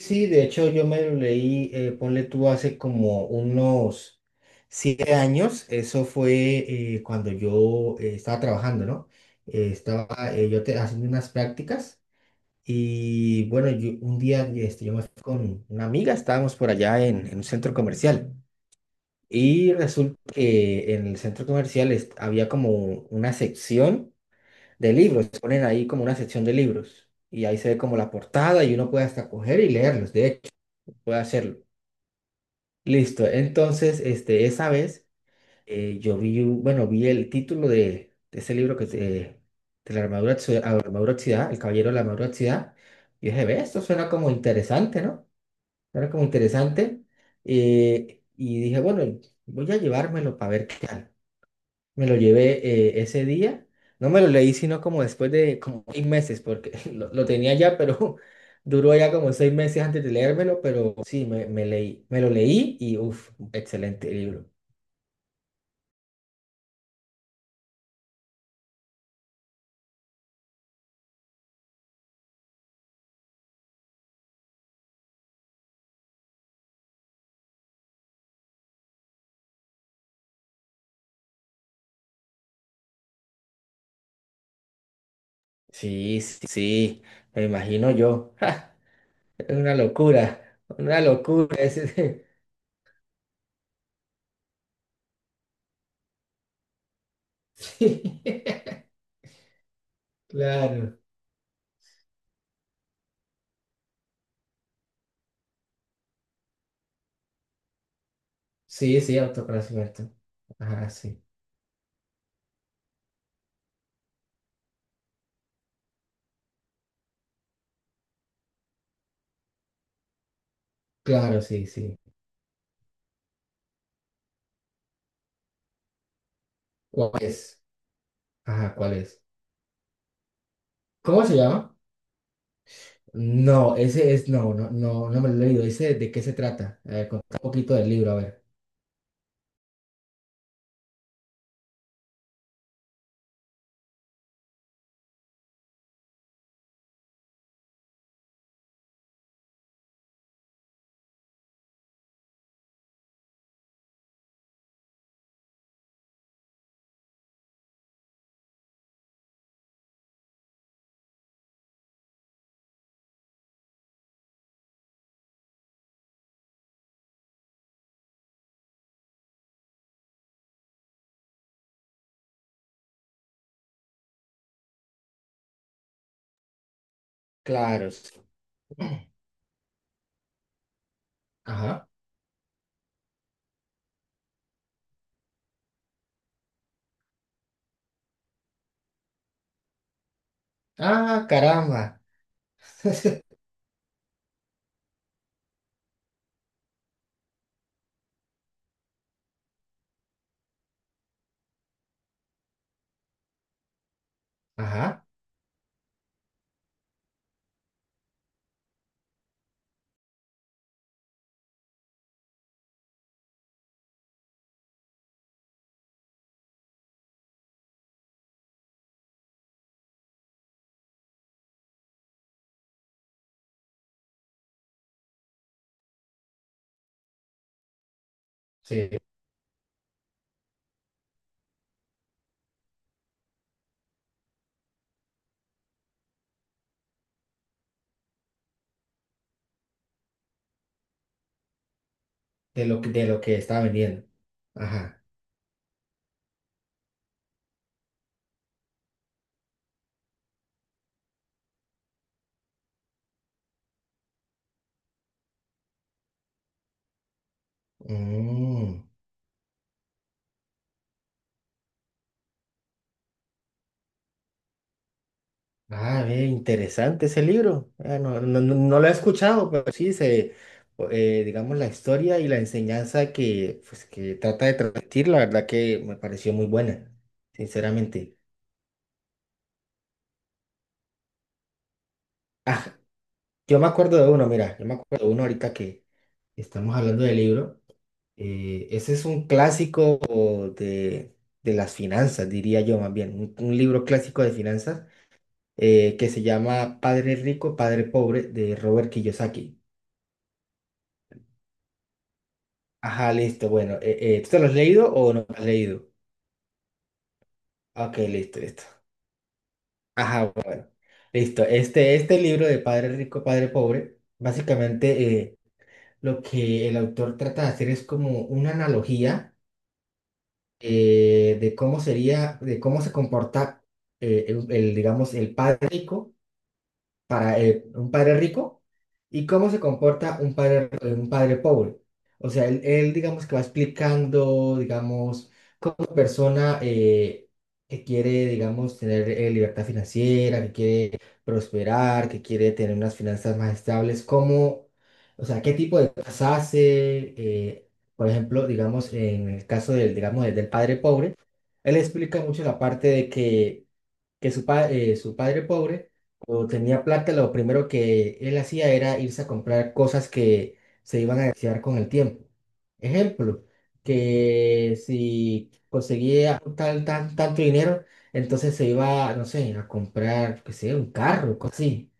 Sí, de hecho yo me lo leí, ponle tú, hace como unos 7 años. Eso fue cuando yo estaba trabajando, ¿no? Estaba yo haciendo unas prácticas. Y bueno, yo, un día este, yo me fui con una amiga. Estábamos por allá en un centro comercial, y resulta que en el centro comercial había como una sección de libros. Ponen ahí como una sección de libros, y ahí se ve como la portada, y uno puede hasta coger y leerlos, de hecho. Puedo hacerlo. Listo. Entonces, este, esa vez yo vi, bueno, vi el título de ese libro que es, de la armadura, ah, armadura oxidada, El Caballero de la Armadura Oxidada. Y dije, ve, esto suena como interesante, ¿no? Suena como interesante. Y dije, bueno, voy a llevármelo para ver qué tal. Me lo llevé ese día. No me lo leí, sino como después de como 6 meses, porque lo tenía ya, pero duró ya como 6 meses antes de leérmelo. Pero sí, me lo leí, y uff, excelente libro. Sí, sí, sí, me imagino yo. Es una locura ese. Sí, claro. Sí, sí, autoconocimiento. Ajá, sí. Claro, sí, sí. ¿Cuál es? Ajá, ¿cuál es? ¿Cómo se llama? No, ese es, no, no, no, no me lo he leído. Ese, ¿de qué se trata? A ver, contá un poquito del libro, a ver. Claro. Sí. Ajá. Ah, caramba. Ajá. Sí, de lo que estaba vendiendo. Ajá. Mm. Ah, ve, interesante ese libro. Ah, no, no, no lo he escuchado, pero sí se, digamos, la historia y la enseñanza que, pues, que trata de transmitir, la verdad que me pareció muy buena, sinceramente. Ah, yo me acuerdo de uno, mira, yo me acuerdo de uno ahorita que estamos hablando del libro. Ese es un clásico de, de las finanzas, diría yo más bien, un libro clásico de finanzas que se llama Padre Rico, Padre Pobre, de Robert Kiyosaki. Ajá, listo, bueno, ¿tú te lo has leído o no lo has leído? Ok, listo, listo. Ajá, bueno, listo. Este libro de Padre Rico, Padre Pobre, básicamente lo que el autor trata de hacer es como una analogía, de cómo sería, de cómo se comporta, el, digamos, el padre rico, para un padre rico, y cómo se comporta un padre pobre. O sea, él, digamos que va explicando, digamos, cómo una persona que quiere, digamos, tener libertad financiera, que quiere prosperar, que quiere tener unas finanzas más estables, cómo, o sea, qué tipo de cosas hace, por ejemplo, digamos, en el caso del, digamos, del padre pobre, él explica mucho la parte de que su, su padre pobre, cuando tenía plata, lo primero que él hacía era irse a comprar cosas que se iban a desear con el tiempo. Ejemplo, que si conseguía tal, tanto dinero, entonces se iba, no sé, a comprar, qué sé, un carro, cosas así.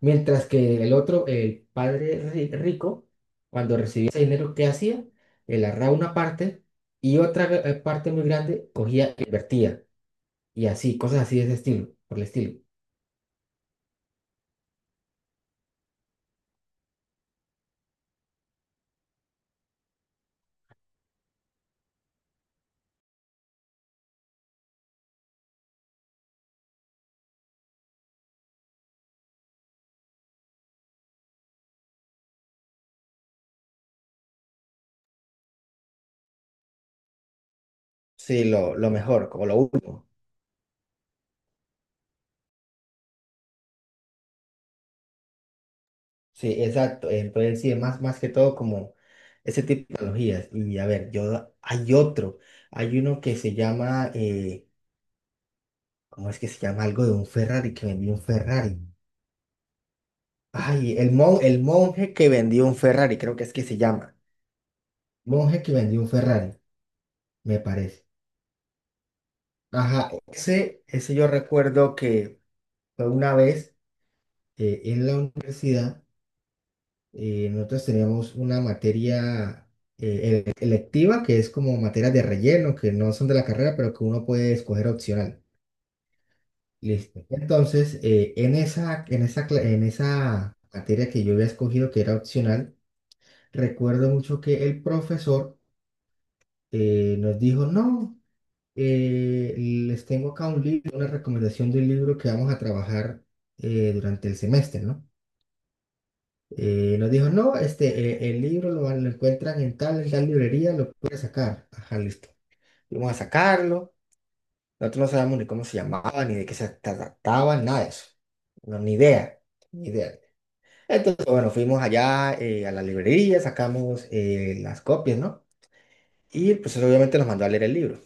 Mientras que el otro, el padre rico, cuando recibía ese dinero, ¿qué hacía? Él agarraba una parte, y otra parte muy grande cogía e invertía, y así, cosas así de ese estilo, por el estilo. Sí, lo mejor, como lo último. Sí, exacto. Entonces, sí, más que todo como ese tipo de tecnologías. Y a ver, yo, hay otro, hay uno que se llama, ¿cómo es que se llama? Algo de un Ferrari, que vendió un Ferrari. Ay, el monje que vendió un Ferrari, creo que es que se llama. Monje que vendió un Ferrari, me parece. Ajá, ese yo recuerdo que fue una vez en la universidad. Y nosotros teníamos una materia electiva, que es como materias de relleno, que no son de la carrera, pero que uno puede escoger opcional. Listo. Entonces, en esa materia que yo había escogido, que era opcional, recuerdo mucho que el profesor nos dijo, no, les tengo acá un libro, una recomendación de un libro que vamos a trabajar durante el semestre, ¿no? Nos dijo, no, este, el libro lo encuentran en tal librería, lo puede sacar. Ajá, listo. Vamos a sacarlo. Nosotros no sabemos ni cómo se llamaba, ni de qué se trataba, nada de eso. No, ni idea, ni idea. Entonces, bueno, fuimos allá a la librería, sacamos las copias, ¿no? Y el profesor obviamente nos mandó a leer el libro.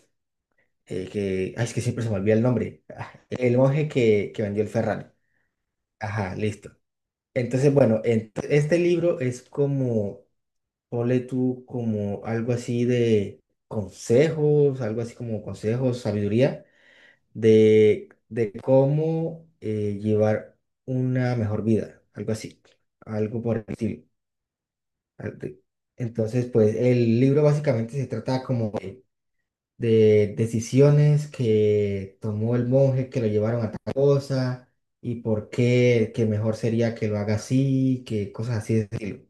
Ay, es que siempre se me olvida el nombre. Ah, El monje que vendió el Ferrari. Ajá, listo. Entonces, bueno, este libro es como ponle tú como algo así de consejos, algo así como consejos, sabiduría de cómo llevar una mejor vida, algo así, algo por el estilo. Al- de- Entonces, pues el libro básicamente se trata como de decisiones que tomó el monje que lo llevaron a tal cosa, y por qué, que mejor sería que lo haga así, que cosas así de ese estilo.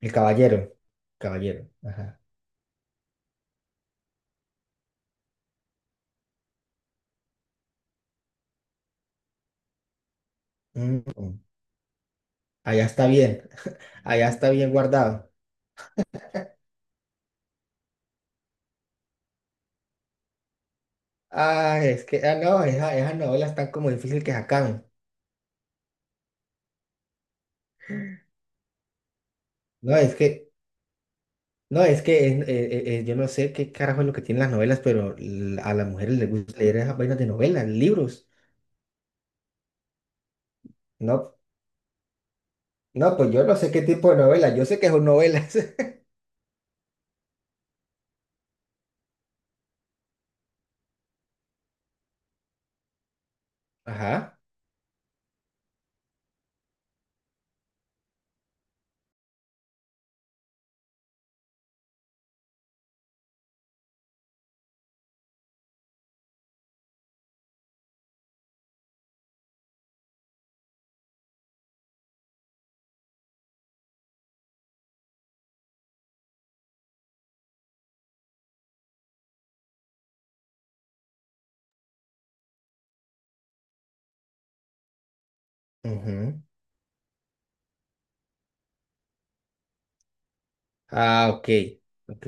El caballero, caballero, ajá. Mm. Allá está bien, allá está bien guardado. Ah, es que, ah, no, esas novelas están como difícil que se acaben. No, es que, yo no sé qué carajo es lo que tienen las novelas, pero a las mujeres les gusta leer esas vainas de novelas, libros. No, no, pues yo no sé qué tipo de novelas, yo sé que son novelas. Ajá. Ujú. Ah, ok. Ok.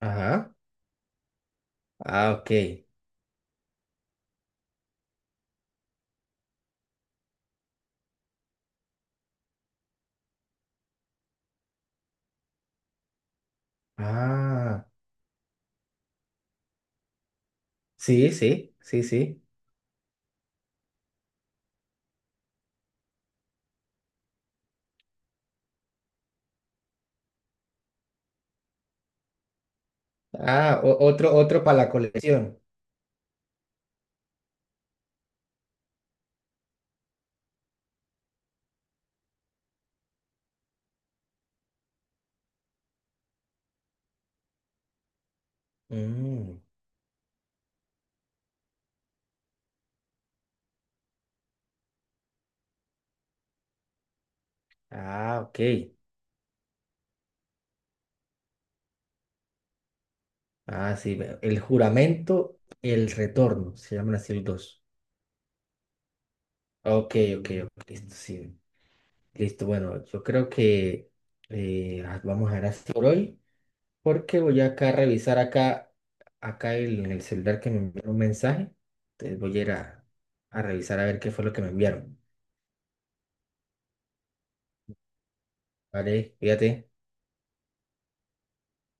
Ajá. Ah, ok. Ah, sí, sí, sí, sí. Ah, otro para la colección. Mm. Ah, ok. Ah, sí, veo. El juramento, El retorno, se llaman así los dos. Ok, ok, ok, listo, sí. Listo, bueno, yo creo que vamos a ver así por hoy, porque voy acá a revisar acá, en el celular, que me enviaron un mensaje. Entonces voy a ir a revisar a ver qué fue lo que me enviaron. Vale, fíjate.